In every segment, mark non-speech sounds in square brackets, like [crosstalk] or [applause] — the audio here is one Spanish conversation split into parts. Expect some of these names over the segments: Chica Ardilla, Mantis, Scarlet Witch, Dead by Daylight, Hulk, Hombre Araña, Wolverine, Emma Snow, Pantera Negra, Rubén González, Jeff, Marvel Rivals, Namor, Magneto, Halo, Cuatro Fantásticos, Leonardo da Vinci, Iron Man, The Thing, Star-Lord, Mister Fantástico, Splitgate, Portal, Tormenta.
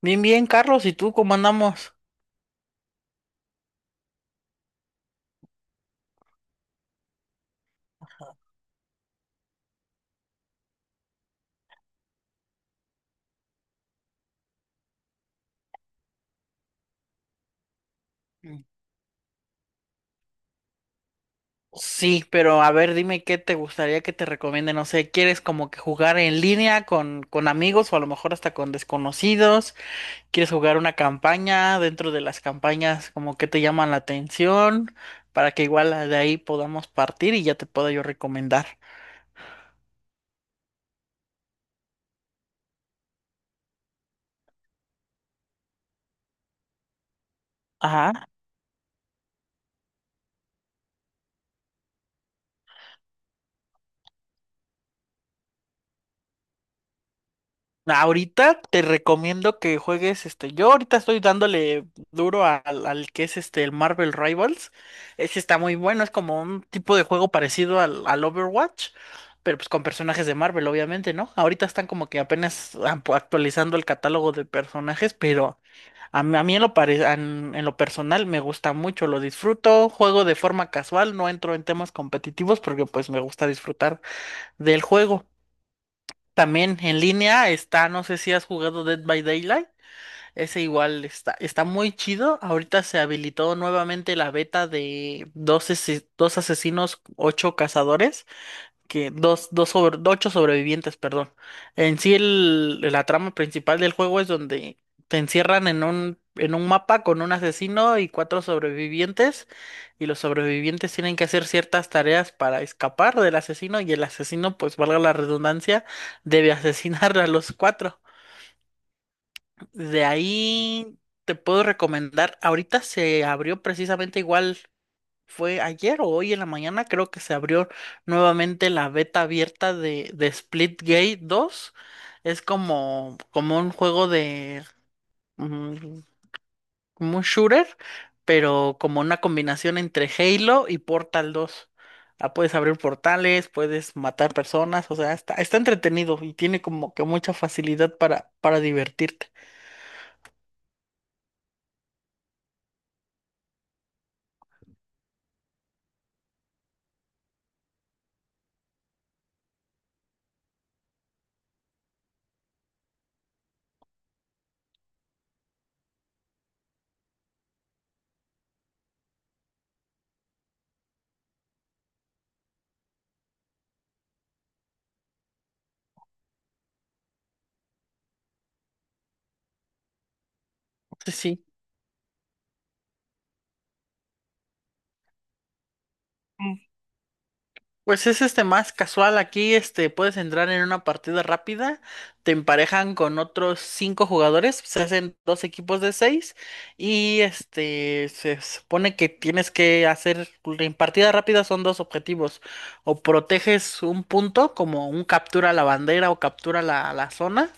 Bien, bien, Carlos, ¿y tú cómo andamos? Mm. Sí, pero a ver, dime qué te gustaría que te recomiende, no sé, ¿quieres como que jugar en línea con amigos o a lo mejor hasta con desconocidos? ¿Quieres jugar una campaña dentro de las campañas como que te llaman la atención para que igual de ahí podamos partir y ya te pueda yo recomendar? Ahorita te recomiendo que juegues este. Yo ahorita estoy dándole duro al que es este el Marvel Rivals. Ese está muy bueno, es como un tipo de juego parecido al Overwatch, pero pues con personajes de Marvel, obviamente, ¿no? Ahorita están como que apenas actualizando el catálogo de personajes, pero a mí en en lo personal me gusta mucho, lo disfruto, juego de forma casual, no entro en temas competitivos porque pues me gusta disfrutar del juego. También en línea está, no sé si has jugado Dead by Daylight. Ese igual está, está muy chido. Ahorita se habilitó nuevamente la beta de dos asesinos, ocho cazadores que ocho sobrevivientes, perdón. En sí la trama principal del juego es donde te encierran en en un mapa con un asesino y cuatro sobrevivientes, y los sobrevivientes tienen que hacer ciertas tareas para escapar del asesino, y el asesino, pues valga la redundancia, debe asesinar a los cuatro. De ahí te puedo recomendar, ahorita se abrió precisamente igual. Fue ayer o hoy en la mañana, creo que se abrió nuevamente la beta abierta de Splitgate dos. Es como, como un juego de, mm, como un shooter, pero como una combinación entre Halo y Portal dos. Ah, puedes abrir portales, puedes matar personas, o sea, está, está entretenido y tiene como que mucha facilidad para divertirte. Sí, sí. Pues es este más casual aquí, este puedes entrar en una partida rápida, te emparejan con otros cinco jugadores, se hacen dos equipos de seis y este se supone que tienes que hacer pues, en partida rápida son dos objetivos, o proteges un punto como un captura la bandera o captura la zona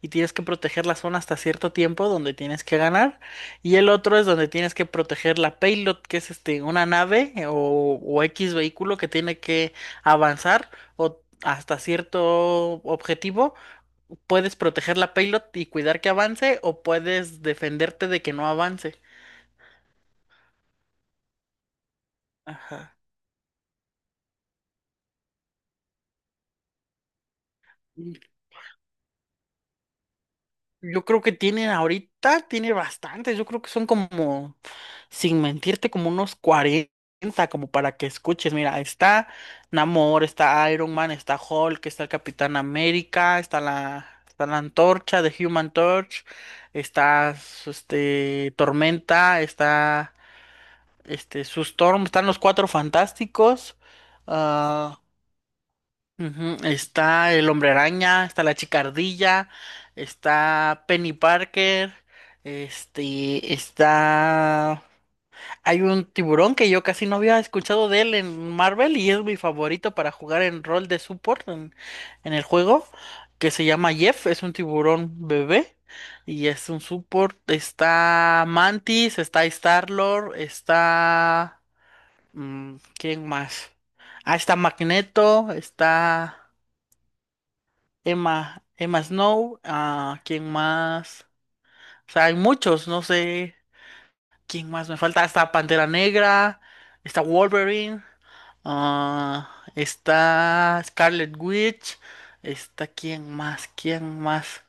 y tienes que proteger la zona hasta cierto tiempo donde tienes que ganar. Y el otro es donde tienes que proteger la payload, que es este, una nave o X vehículo que tiene que avanzar o hasta cierto objetivo, puedes proteger la payload y cuidar que avance o puedes defenderte de que no avance. Ajá. Yo creo que tienen ahorita, tiene bastantes, yo creo que son como, sin mentirte, como unos 40 como para que escuches. Mira, está Namor, está Iron Man, está Hulk, está el Capitán América, está está la Antorcha de Human Torch, está este, Tormenta, está... Este, su Storm, están los Cuatro Fantásticos. Ah, ujú. Está el Hombre Araña, está la Chica Ardilla, está Penny Parker, este, está... Hay un tiburón que yo casi no había escuchado de él en Marvel y es mi favorito para jugar en rol de support en el juego, que se llama Jeff, es un tiburón bebé. Y es un support, está Mantis, está Star-Lord, está... Mm, ¿quién más? Ah, está Magneto, está Emma, Emma Snow, ah, ¿quién más? O sea, hay muchos, no sé quién más me falta. Está Pantera Negra, está Wolverine, ah, está Scarlet Witch, está quién más, quién más.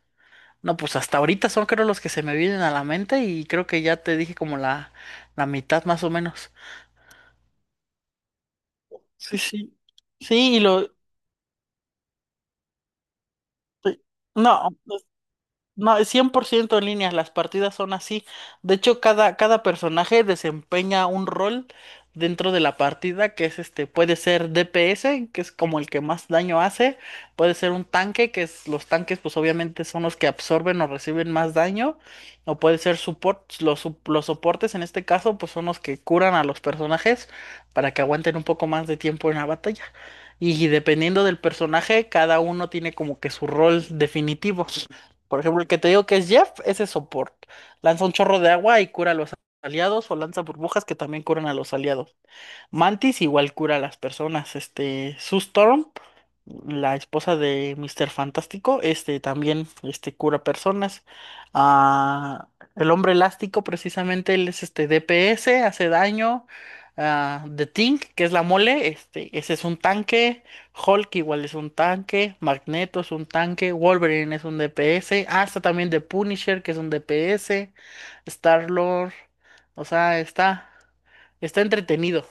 No, pues hasta ahorita son creo los que se me vienen a la mente y creo que ya te dije como la mitad más o menos. Sí, sí. Sí, y lo... No. No, es ciento en línea, las partidas son así. De hecho, cada personaje desempeña un rol dentro de la partida, que es este, puede ser DPS, que es como el que más daño hace, puede ser un tanque, que es, los tanques pues obviamente son los que absorben o reciben más daño, o puede ser support, los soportes en este caso pues son los que curan a los personajes para que aguanten un poco más de tiempo en la batalla. Y dependiendo del personaje, cada uno tiene como que su rol definitivo. Por ejemplo, el que te digo que es Jeff, ese es support. Lanza un chorro de agua y cura a los aliados, o lanza burbujas que también curan a los aliados. Mantis igual cura a las personas. Este, Sue Storm, la esposa de Mister Fantástico, este también este, cura personas. Ah, el hombre elástico, precisamente, él es este DPS, hace daño. Ah, The Thing, que es la mole, este, ese es un tanque. Hulk igual es un tanque. Magneto es un tanque. Wolverine es un DPS. Ah, está también The Punisher, que es un DPS. Star-Lord. O sea, está, está entretenido.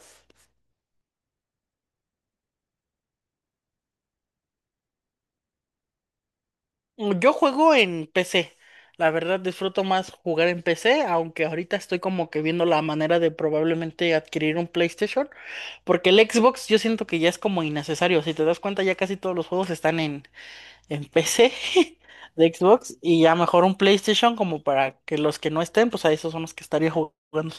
Mm, yo juego en PC. La verdad disfruto más jugar en PC, aunque ahorita estoy como que viendo la manera de probablemente adquirir un PlayStation, porque el Xbox yo siento que ya es como innecesario. Si te das cuenta, ya casi todos los juegos están en PC [laughs] de Xbox y ya mejor un PlayStation como para que los que no estén, pues a esos son los que estaría jugando.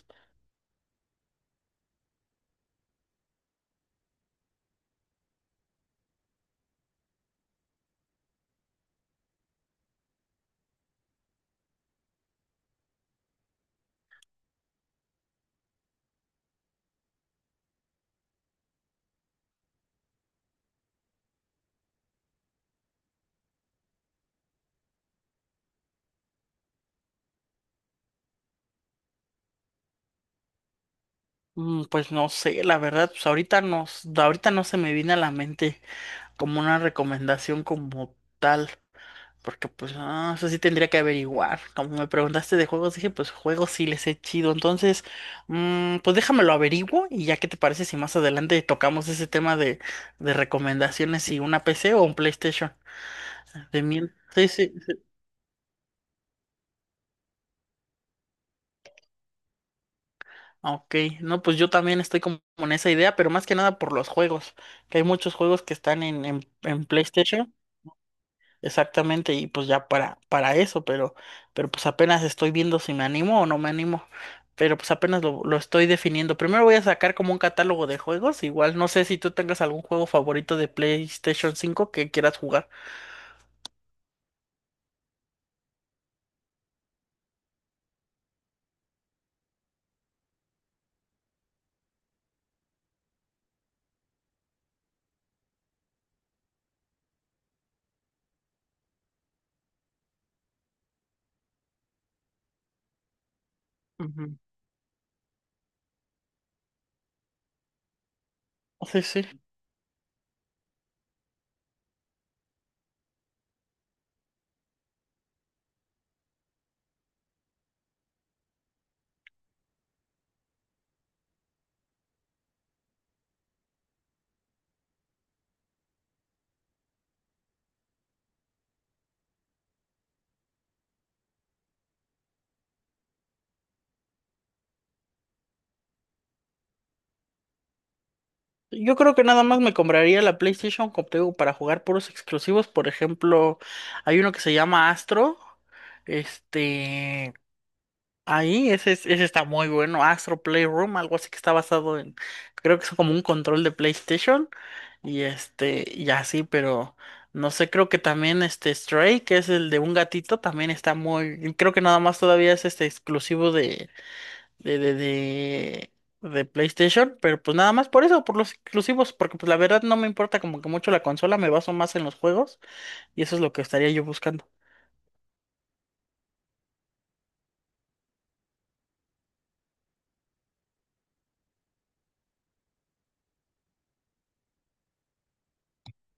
Mm, pues no sé, la verdad, pues ahorita no se me viene a la mente como una recomendación como tal. Porque pues, ah, eso sí tendría que averiguar. Como me preguntaste de juegos, dije, pues juegos sí les he chido. Entonces, mm, pues déjamelo averiguo y ya qué te parece si más adelante tocamos ese tema de recomendaciones, si una PC o un PlayStation. De mil. Sí, sí, sí. Ok, no, pues yo también estoy como en esa idea, pero más que nada por los juegos, que hay muchos juegos que están en PlayStation. Exactamente, y pues ya para eso, pero pues apenas estoy viendo si me animo o no me animo, pero pues apenas lo estoy definiendo. Primero voy a sacar como un catálogo de juegos, igual no sé si tú tengas algún juego favorito de PlayStation 5 que quieras jugar. Ujú. Sí, sí. Yo creo que nada más me compraría la PlayStation como te digo, para jugar puros exclusivos. Por ejemplo, hay uno que se llama Astro. Este, ahí, ese está muy bueno. Astro Playroom, algo así que está basado en, creo que es como un control de PlayStation. Y este, y así, pero no sé, creo que también este Stray, que es el de un gatito, también está muy, creo que nada más todavía es este exclusivo de, de, de, de PlayStation, pero pues nada más por eso, por los exclusivos, porque pues la verdad no me importa como que mucho la consola, me baso más en los juegos, y eso es lo que estaría yo buscando.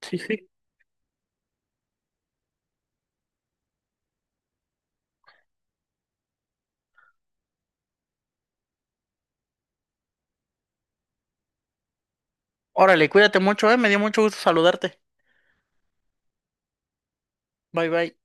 Sí, sí. Órale, cuídate mucho, me dio mucho gusto saludarte. Bye bye.